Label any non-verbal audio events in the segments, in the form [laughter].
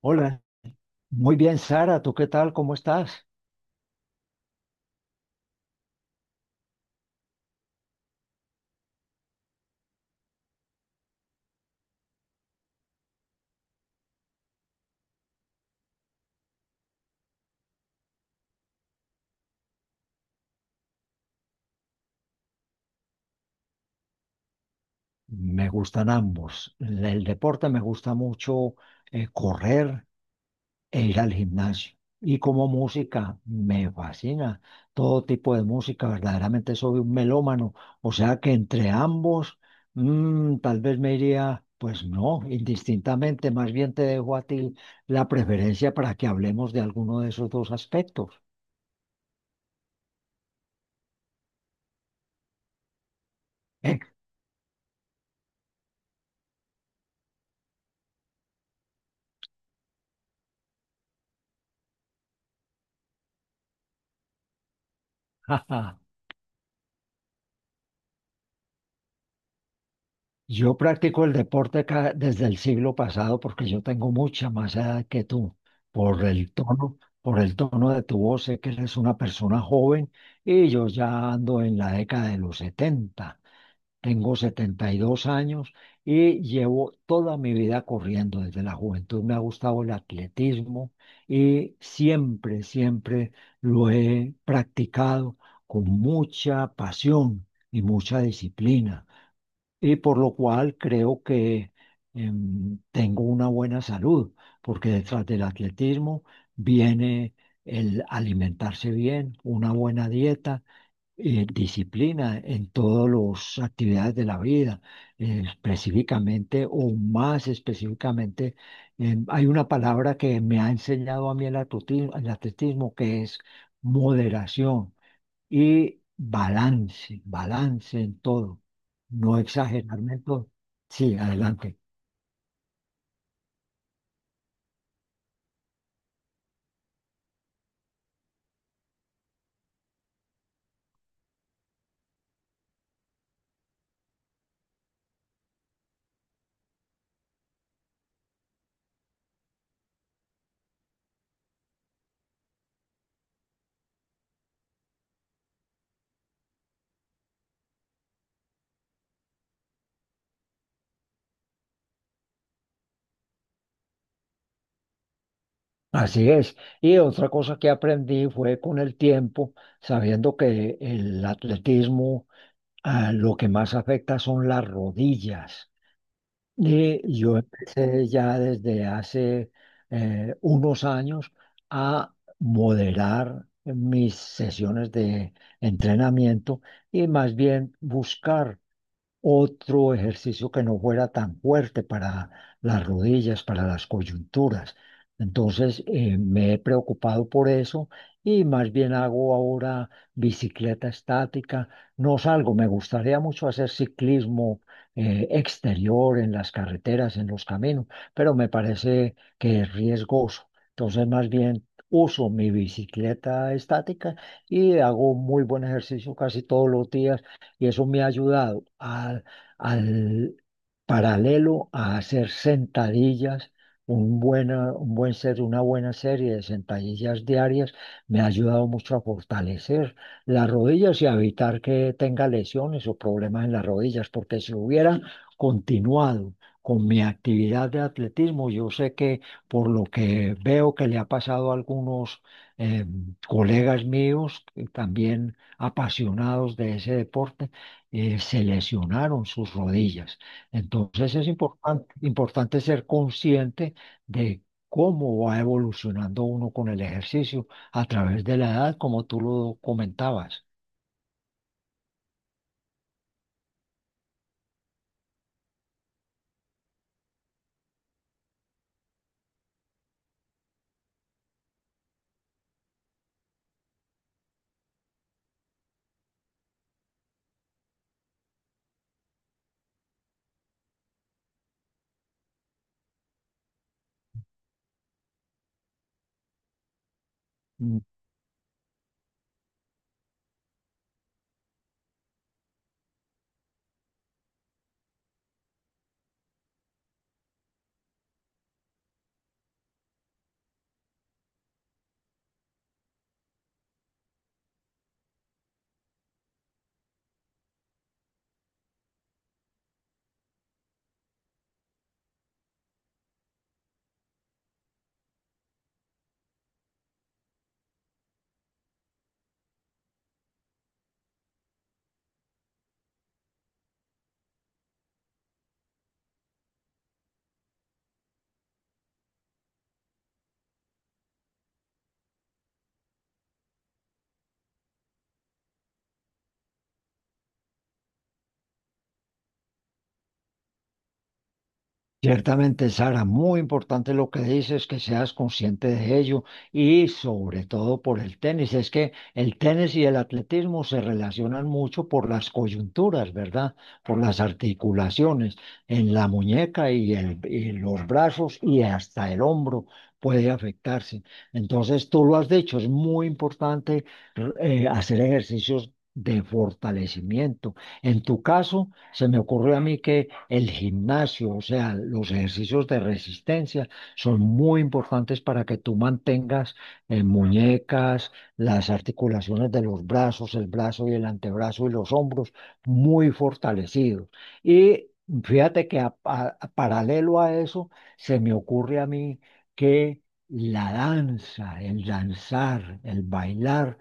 Hola, muy bien, Sara, ¿tú qué tal? ¿Cómo estás? Me gustan ambos. El deporte me gusta mucho correr e ir al gimnasio. Y como música, me fascina todo tipo de música. Verdaderamente soy un melómano. O sea que entre ambos, tal vez me iría, pues no, indistintamente. Más bien te dejo a ti la preferencia para que hablemos de alguno de esos dos aspectos. [laughs] Jaja. Yo practico el deporte desde el siglo pasado porque yo tengo mucha más edad que tú. Por el tono de tu voz, sé que eres una persona joven y yo ya ando en la década de los setenta. Tengo 72 años y llevo toda mi vida corriendo. Desde la juventud me ha gustado el atletismo y siempre lo he practicado con mucha pasión y mucha disciplina, y por lo cual creo que tengo una buena salud, porque detrás del atletismo viene el alimentarse bien, una buena dieta, disciplina en todas las actividades de la vida, específicamente o más específicamente. Em, Hay una palabra que me ha enseñado a mí el atletismo, que es moderación y balance, balance en todo, no exagerarme en todo. Sí, adelante. Así es. Y otra cosa que aprendí fue con el tiempo, sabiendo que el atletismo, lo que más afecta son las rodillas. Y yo empecé ya desde hace unos años a moderar mis sesiones de entrenamiento, y más bien buscar otro ejercicio que no fuera tan fuerte para las rodillas, para las coyunturas. Entonces, me he preocupado por eso y más bien hago ahora bicicleta estática. No salgo, me gustaría mucho hacer ciclismo exterior en las carreteras, en los caminos, pero me parece que es riesgoso. Entonces, más bien uso mi bicicleta estática y hago muy buen ejercicio casi todos los días, y eso me ha ayudado al, al paralelo a hacer sentadillas. Un buena, un buen ser, una buena serie de sentadillas diarias me ha ayudado mucho a fortalecer las rodillas y a evitar que tenga lesiones o problemas en las rodillas, porque si hubiera continuado con mi actividad de atletismo, yo sé que, por lo que veo que le ha pasado a algunos eh, colegas míos, también apasionados de ese deporte, se lesionaron sus rodillas. Entonces es importante ser consciente de cómo va evolucionando uno con el ejercicio a través de la edad, como tú lo comentabas. Ciertamente, Sara, muy importante lo que dices, que seas consciente de ello y sobre todo por el tenis. Es que el tenis y el atletismo se relacionan mucho por las coyunturas, ¿verdad? Por las articulaciones en la muñeca y, y los brazos y hasta el hombro puede afectarse. Entonces, tú lo has dicho, es muy importante hacer ejercicios de fortalecimiento. En tu caso... Se me ocurrió a mí que el gimnasio, o sea, los ejercicios de resistencia son muy importantes para que tú mantengas muñecas, las articulaciones de los brazos, el brazo y el antebrazo y los hombros muy fortalecidos. Y fíjate que paralelo a eso, se me ocurre a mí que la danza, el danzar, el bailar,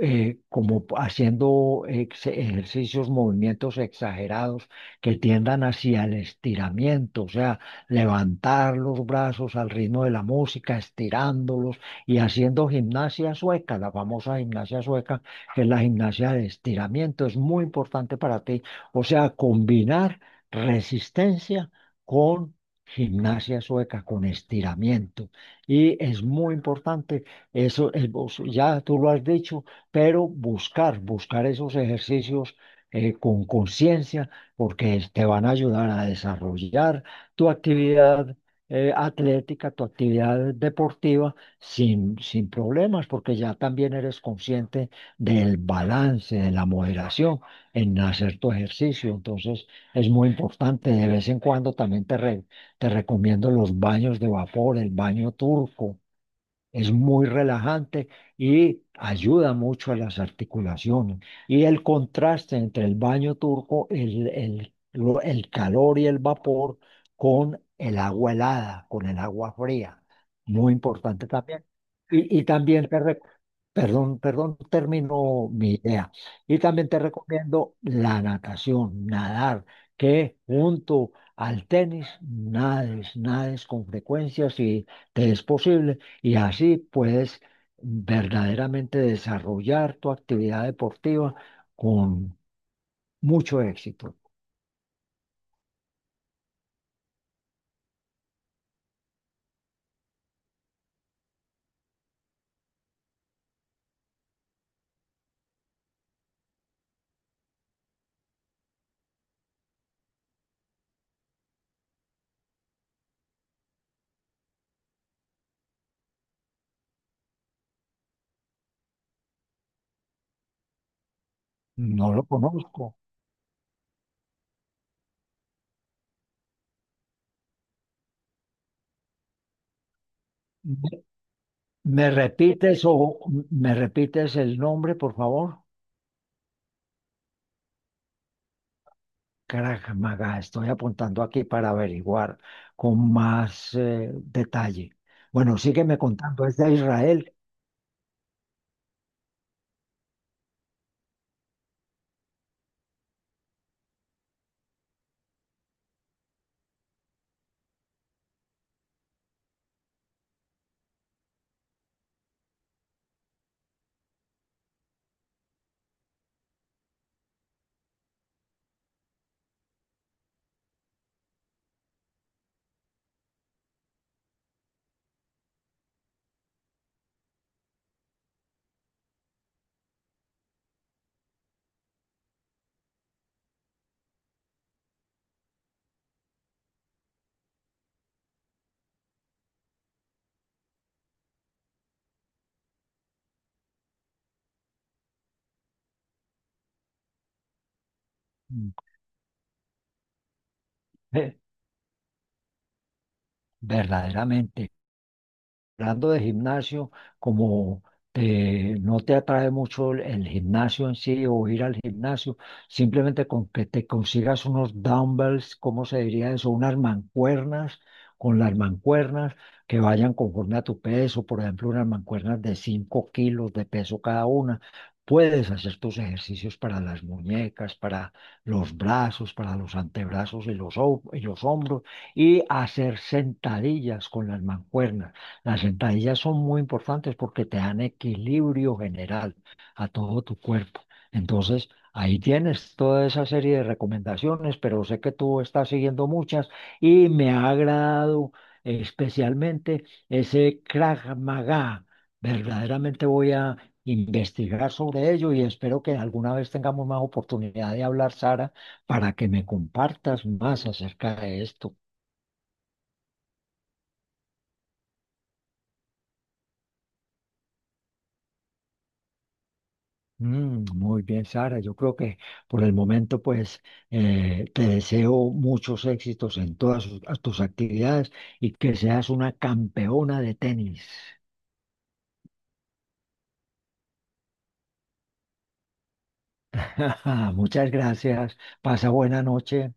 como haciendo ejercicios, movimientos exagerados que tiendan hacia el estiramiento, o sea, levantar los brazos al ritmo de la música, estirándolos, y haciendo gimnasia sueca, la famosa gimnasia sueca, que es la gimnasia de estiramiento, es muy importante para ti, o sea, combinar resistencia con... Gimnasia sueca con estiramiento. Y es muy importante, ya tú lo has dicho, pero buscar esos ejercicios con conciencia, porque te van a ayudar a desarrollar tu actividad atlética, tu actividad deportiva sin problemas, porque ya también eres consciente del balance, de la moderación en hacer tu ejercicio. Entonces, es muy importante. De vez en cuando también te recomiendo los baños de vapor, el baño turco es muy relajante y ayuda mucho a las articulaciones. Y el contraste entre el baño turco, el calor y el vapor con el agua helada, con el agua fría. Muy importante también. Y, y también te rec- Perdón, perdón, termino mi idea. Y también te recomiendo la natación, nadar, que junto al tenis nades, nades con frecuencia si te es posible, y así puedes verdaderamente desarrollar tu actividad deportiva con mucho éxito. No lo conozco. ¿Me me repites o me repites el nombre, por favor? Krav Maga, estoy apuntando aquí para averiguar con más detalle. Bueno, sígueme contando, es de Israel. [laughs] Mm, eh, verdaderamente. Hablando de gimnasio, como no te atrae mucho el gimnasio en sí o ir al gimnasio, simplemente con que te consigas unos dumbbells, ¿cómo se diría eso? Unas mancuernas, con las mancuernas que vayan conforme a tu peso, por ejemplo, unas mancuernas de 5 kilos de peso cada una. Puedes hacer tus ejercicios para las muñecas, para los brazos, para los antebrazos y y los hombros, y hacer sentadillas con las mancuernas. Las sentadillas son muy importantes porque te dan equilibrio general a todo tu cuerpo. Entonces, ahí tienes toda esa serie de recomendaciones, pero sé que tú estás siguiendo muchas y me ha agradado especialmente ese Krav Maga. Verdaderamente voy a investigar sobre ello y espero que alguna vez tengamos más oportunidad de hablar, Sara, para que me compartas más acerca de esto. Mm, muy bien, Sara. Yo creo que por el momento, pues, te deseo muchos éxitos en todas tus actividades y que seas una campeona de tenis. [laughs] Muchas gracias. Pasa buena noche.